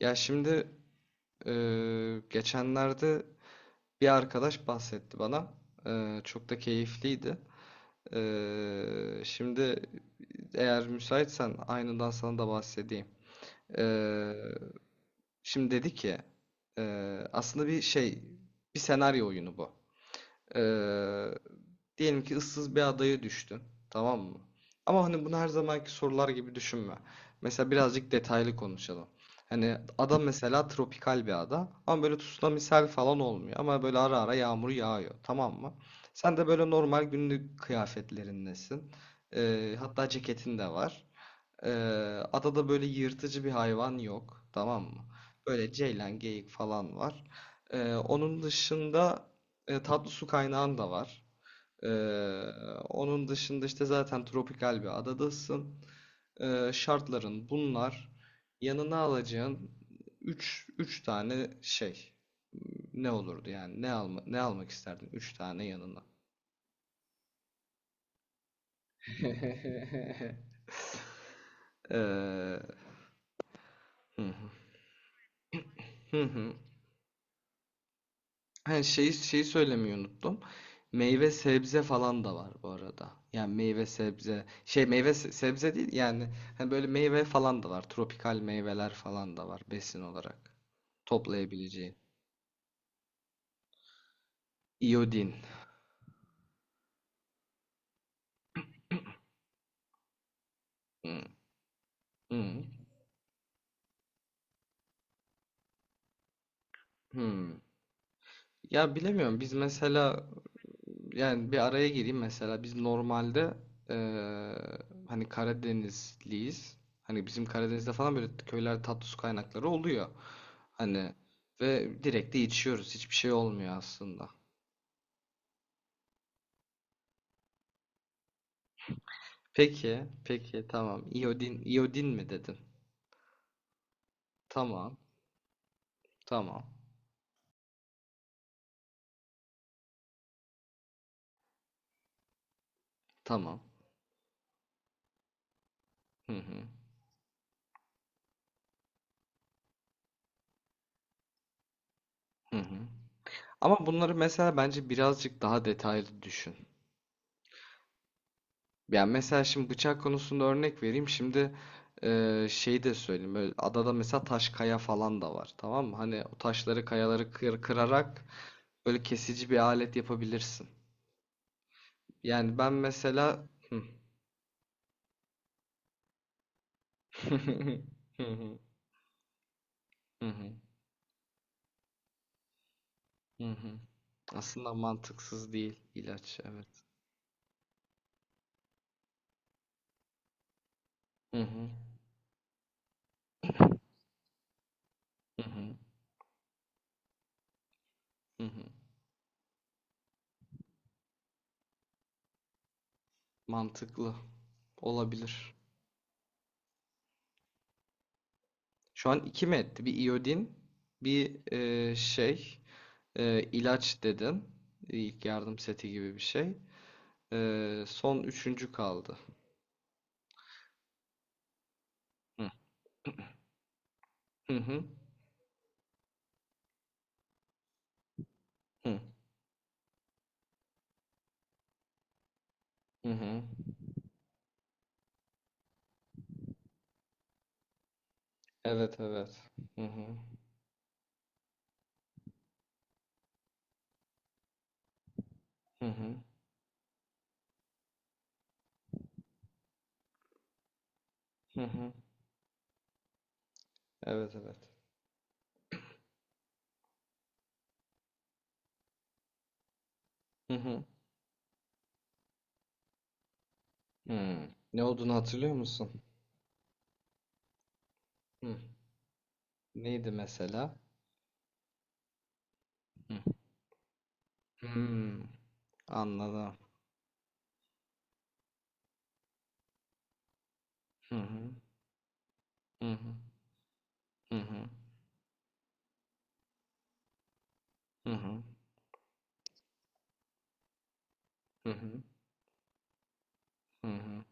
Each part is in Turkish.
Ya şimdi geçenlerde bir arkadaş bahsetti bana. Çok da keyifliydi. Şimdi eğer müsaitsen aynından sana da bahsedeyim. Eee, Şimdi dedi ki aslında bir şey bir senaryo oyunu bu. Ee, Diyelim ki ıssız bir adaya düştün. Tamam mı? Ama hani bunu her zamanki sorular gibi düşünme. Mesela birazcık detaylı konuşalım. Hani ada mesela tropikal bir ada. Ama böyle tsunamisel falan olmuyor. Ama böyle ara ara yağmur yağıyor. Tamam mı? Sen de böyle normal günlük kıyafetlerindesin. Hatta ceketin de var. Ee, Adada böyle yırtıcı bir hayvan yok, tamam mı? Böyle ceylan, geyik falan var. Onun dışında tatlı su kaynağın da var. Ee, Onun dışında işte zaten tropikal bir adadasın. Şartların bunlar. Yanına alacağın üç tane şey. Ne olurdu yani? Ne alma, ne almak isterdin 3 tane yanına? Ee, hı hı, hı hı. Hani şeyi söylemeyi unuttum. Meyve sebze falan da var bu arada. Yani meyve sebze şey meyve sebze değil yani hani böyle meyve falan da var. Tropikal meyveler falan da var besin olarak toplayabileceğin. İyodin. Hmm, hmm, hmm. Ya bilemiyorum biz mesela yani bir araya gireyim mesela biz normalde eee, hani Karadenizliyiz. Hani bizim Karadeniz'de falan böyle köyler tatlı su kaynakları oluyor. Hani ve direkt de içiyoruz. Hiçbir şey olmuyor aslında. Peki, peki tamam. İyodin, iyodin mi dedin? Tamam, tamam, tamam. Hı hı, hı hı. Ama bunları mesela bence birazcık daha detaylı düşün. Ya mesela şimdi bıçak konusunda örnek vereyim. Şimdi şeyi de söyleyeyim. Böyle adada mesela taş kaya falan da var. Tamam mı? Hani o taşları kayaları kırarak böyle kesici bir alet yapabilirsin. Yani ben mesela hı. Hı hı, hı hı, hı hı. Aslında mantıksız değil ilaç evet. Hı hı, hı hı, hı hı. Mantıklı olabilir. Şu an iki mi etti? Bir iodin, bir şey. İlaç dedin. İlk yardım seti gibi bir şey. Son üçüncü kaldı. Hı. Hı hı. Hı. Hı hı. Evet evet. Hı hı. Hı hı. Hı hı. Evet evet. Hı hı. Hı. Ne olduğunu hatırlıyor musun? Hı. Neydi mesela? Hı. Hmm, anladım. Hı hı. Hı hı. Hı hı. Hı hı. Hı hı. Hı hı.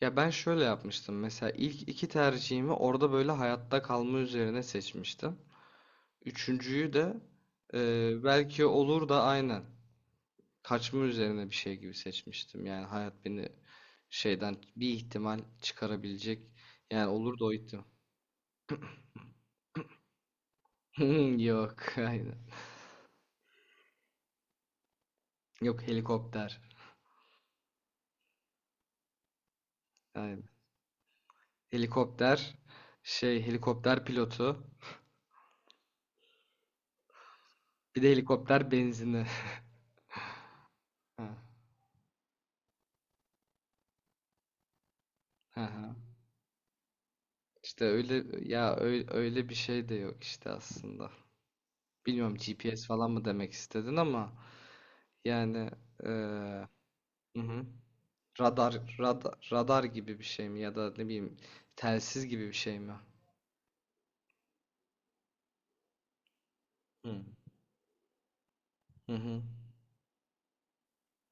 Ya ben şöyle yapmıştım. Mesela ilk iki tercihimi orada böyle hayatta kalma üzerine seçmiştim. Üçüncüyü de belki olur da aynen kaçma üzerine bir şey gibi seçmiştim. Yani hayat beni şeyden bir ihtimal çıkarabilecek. Yani olur da o ihtimal. Yok aynen. Yok helikopter. Aynen. Helikopter şey helikopter pilotu. Bir de helikopter benzini. Ha, ha, ha. İşte öyle ya öyle bir şey de yok işte aslında. Bilmiyorum GPS falan mı demek istedin ama yani eee, hı hı. Radar gibi bir şey mi ya da ne bileyim telsiz gibi bir şey mi? Hı. Hı hı.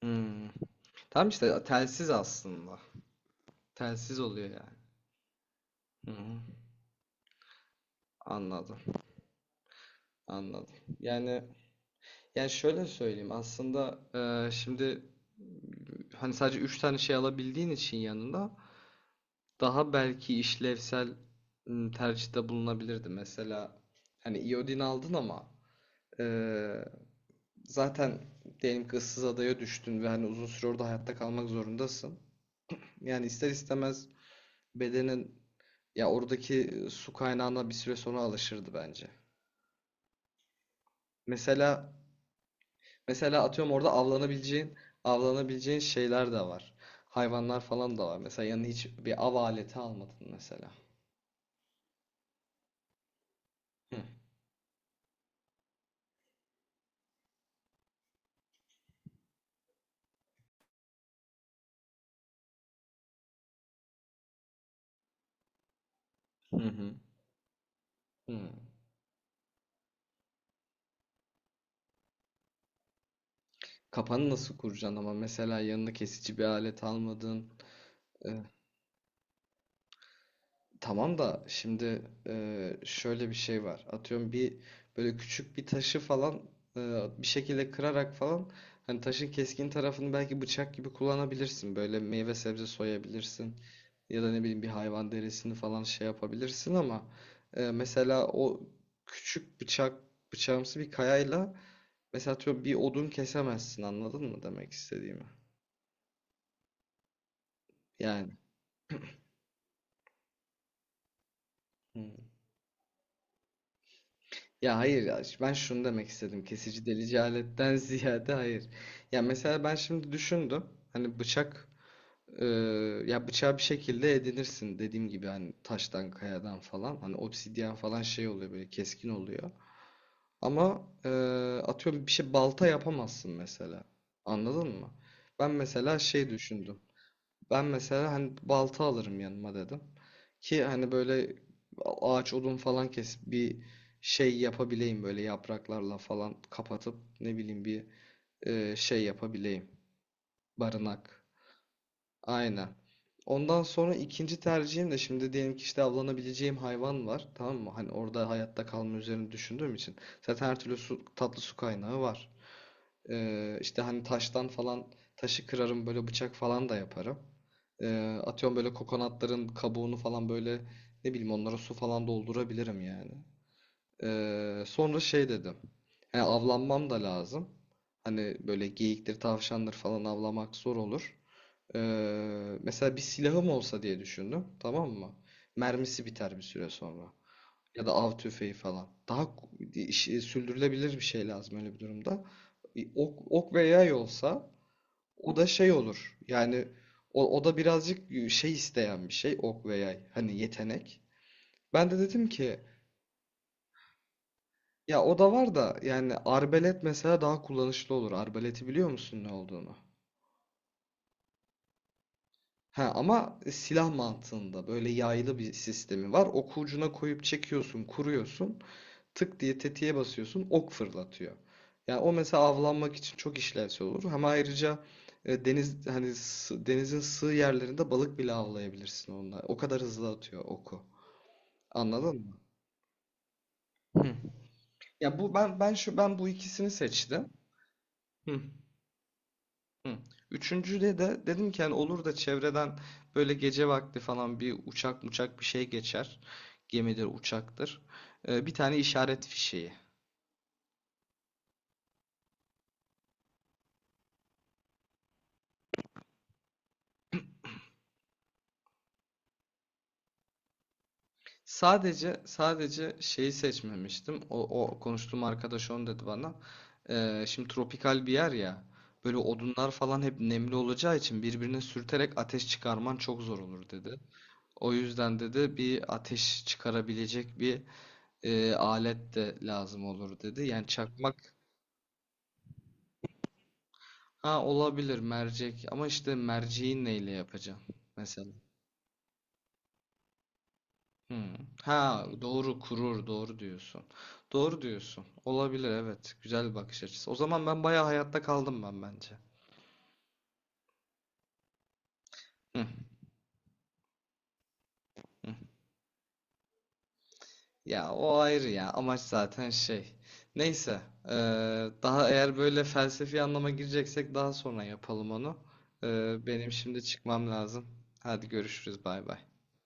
Hmm. Tamam işte telsiz aslında. Telsiz oluyor yani. Hı hı. Anladım. Anladım. Yani yani şöyle söyleyeyim aslında şimdi hani sadece 3 tane şey alabildiğin için yanında daha belki işlevsel tercihte bulunabilirdi. Mesela hani iodin aldın ama e, zaten diyelim ki ıssız adaya düştün ve hani uzun süre orada hayatta kalmak zorundasın. Yani ister istemez bedenin ya oradaki su kaynağına bir süre sonra alışırdı bence. Mesela mesela atıyorum orada avlanabileceğin şeyler de var. Hayvanlar falan da var. Mesela yanına hiç bir av aleti almadın mesela. Hı. Hı hı. Hmm. Kapanı nasıl kuracaksın ama mesela yanına kesici bir alet almadın. Ee, Tamam da şimdi şöyle bir şey var. Atıyorum bir böyle küçük bir taşı falan e, bir şekilde kırarak falan hani taşın keskin tarafını belki bıçak gibi kullanabilirsin. Böyle meyve sebze soyabilirsin ya da ne bileyim bir hayvan derisini falan şey yapabilirsin ama mesela o küçük bıçağımsı bir kayayla mesela atıyorum bir odun kesemezsin anladın mı demek istediğimi? Yani. Hı. Ya hayır ya ben şunu demek istedim. Kesici delici aletten ziyade hayır. Ya mesela ben şimdi düşündüm. Hani bıçak e, ya bıçağı bir şekilde edinirsin dediğim gibi hani taştan kayadan falan hani obsidyen falan şey oluyor böyle keskin oluyor. Ama atıyorum bir şey balta yapamazsın mesela. Anladın mı? Ben mesela şey düşündüm. Ben mesela hani balta alırım yanıma dedim. Ki hani böyle ağaç odun falan kesip bir şey yapabileyim böyle yapraklarla falan kapatıp ne bileyim bir şey yapabileyim. Barınak. Aynen. Ondan sonra ikinci tercihim de şimdi diyelim ki işte avlanabileceğim hayvan var. Tamam mı? Hani orada hayatta kalma üzerine düşündüğüm için. Zaten her türlü su, tatlı su kaynağı var. İşte hani taştan falan taşı kırarım böyle bıçak falan da yaparım. Atıyorum böyle kokonatların kabuğunu falan böyle ne bileyim onlara su falan doldurabilirim yani. Sonra şey dedim. He, avlanmam da lazım. Hani böyle geyiktir, tavşandır falan avlamak zor olur. Mesela bir silahım olsa diye düşündüm, tamam mı? Mermisi biter bir süre sonra. Ya da av tüfeği falan. Daha sürdürülebilir bir şey lazım öyle bir durumda. Ok ve yay olsa o da şey olur. Yani o da birazcık şey isteyen bir şey ok ve yay. Hani yetenek. Ben de dedim ki ya o da var da yani arbalet mesela daha kullanışlı olur. Arbaleti biliyor musun ne olduğunu? Ha, ama silah mantığında böyle yaylı bir sistemi var. Oku ucuna koyup çekiyorsun, kuruyorsun. Tık diye tetiğe basıyorsun ok fırlatıyor. Yani o mesela avlanmak için çok işlevsel olur. Hem ayrıca deniz hani denizin sığ yerlerinde balık bile avlayabilirsin onunla. O kadar hızlı atıyor oku. Anladın mı? Hı. Ya bu ben şu bu ikisini seçtim. Hı. Hı. Üçüncüde de dedim ki hani olur da çevreden böyle gece vakti falan bir uçak bir şey geçer. Gemidir, uçaktır. Bir tane işaret fişeği. Sadece şeyi seçmemiştim. O konuştuğum arkadaş onu dedi bana. Şimdi tropikal bir yer ya. Böyle odunlar falan hep nemli olacağı için birbirine sürterek ateş çıkarman çok zor olur dedi. O yüzden dedi bir ateş çıkarabilecek bir alet de lazım olur dedi. Yani çakmak ha olabilir mercek ama işte merceği neyle yapacaksın mesela? Hmm. Ha doğru kurur doğru diyorsun. Doğru diyorsun. Olabilir evet. Güzel bir bakış açısı. O zaman ben bayağı hayatta kaldım ben bence. Hı, hı. Ya o ayrı ya. Amaç zaten şey. Neyse. Daha eğer böyle felsefi anlama gireceksek daha sonra yapalım onu. Benim şimdi çıkmam lazım. Hadi görüşürüz. Bay bay.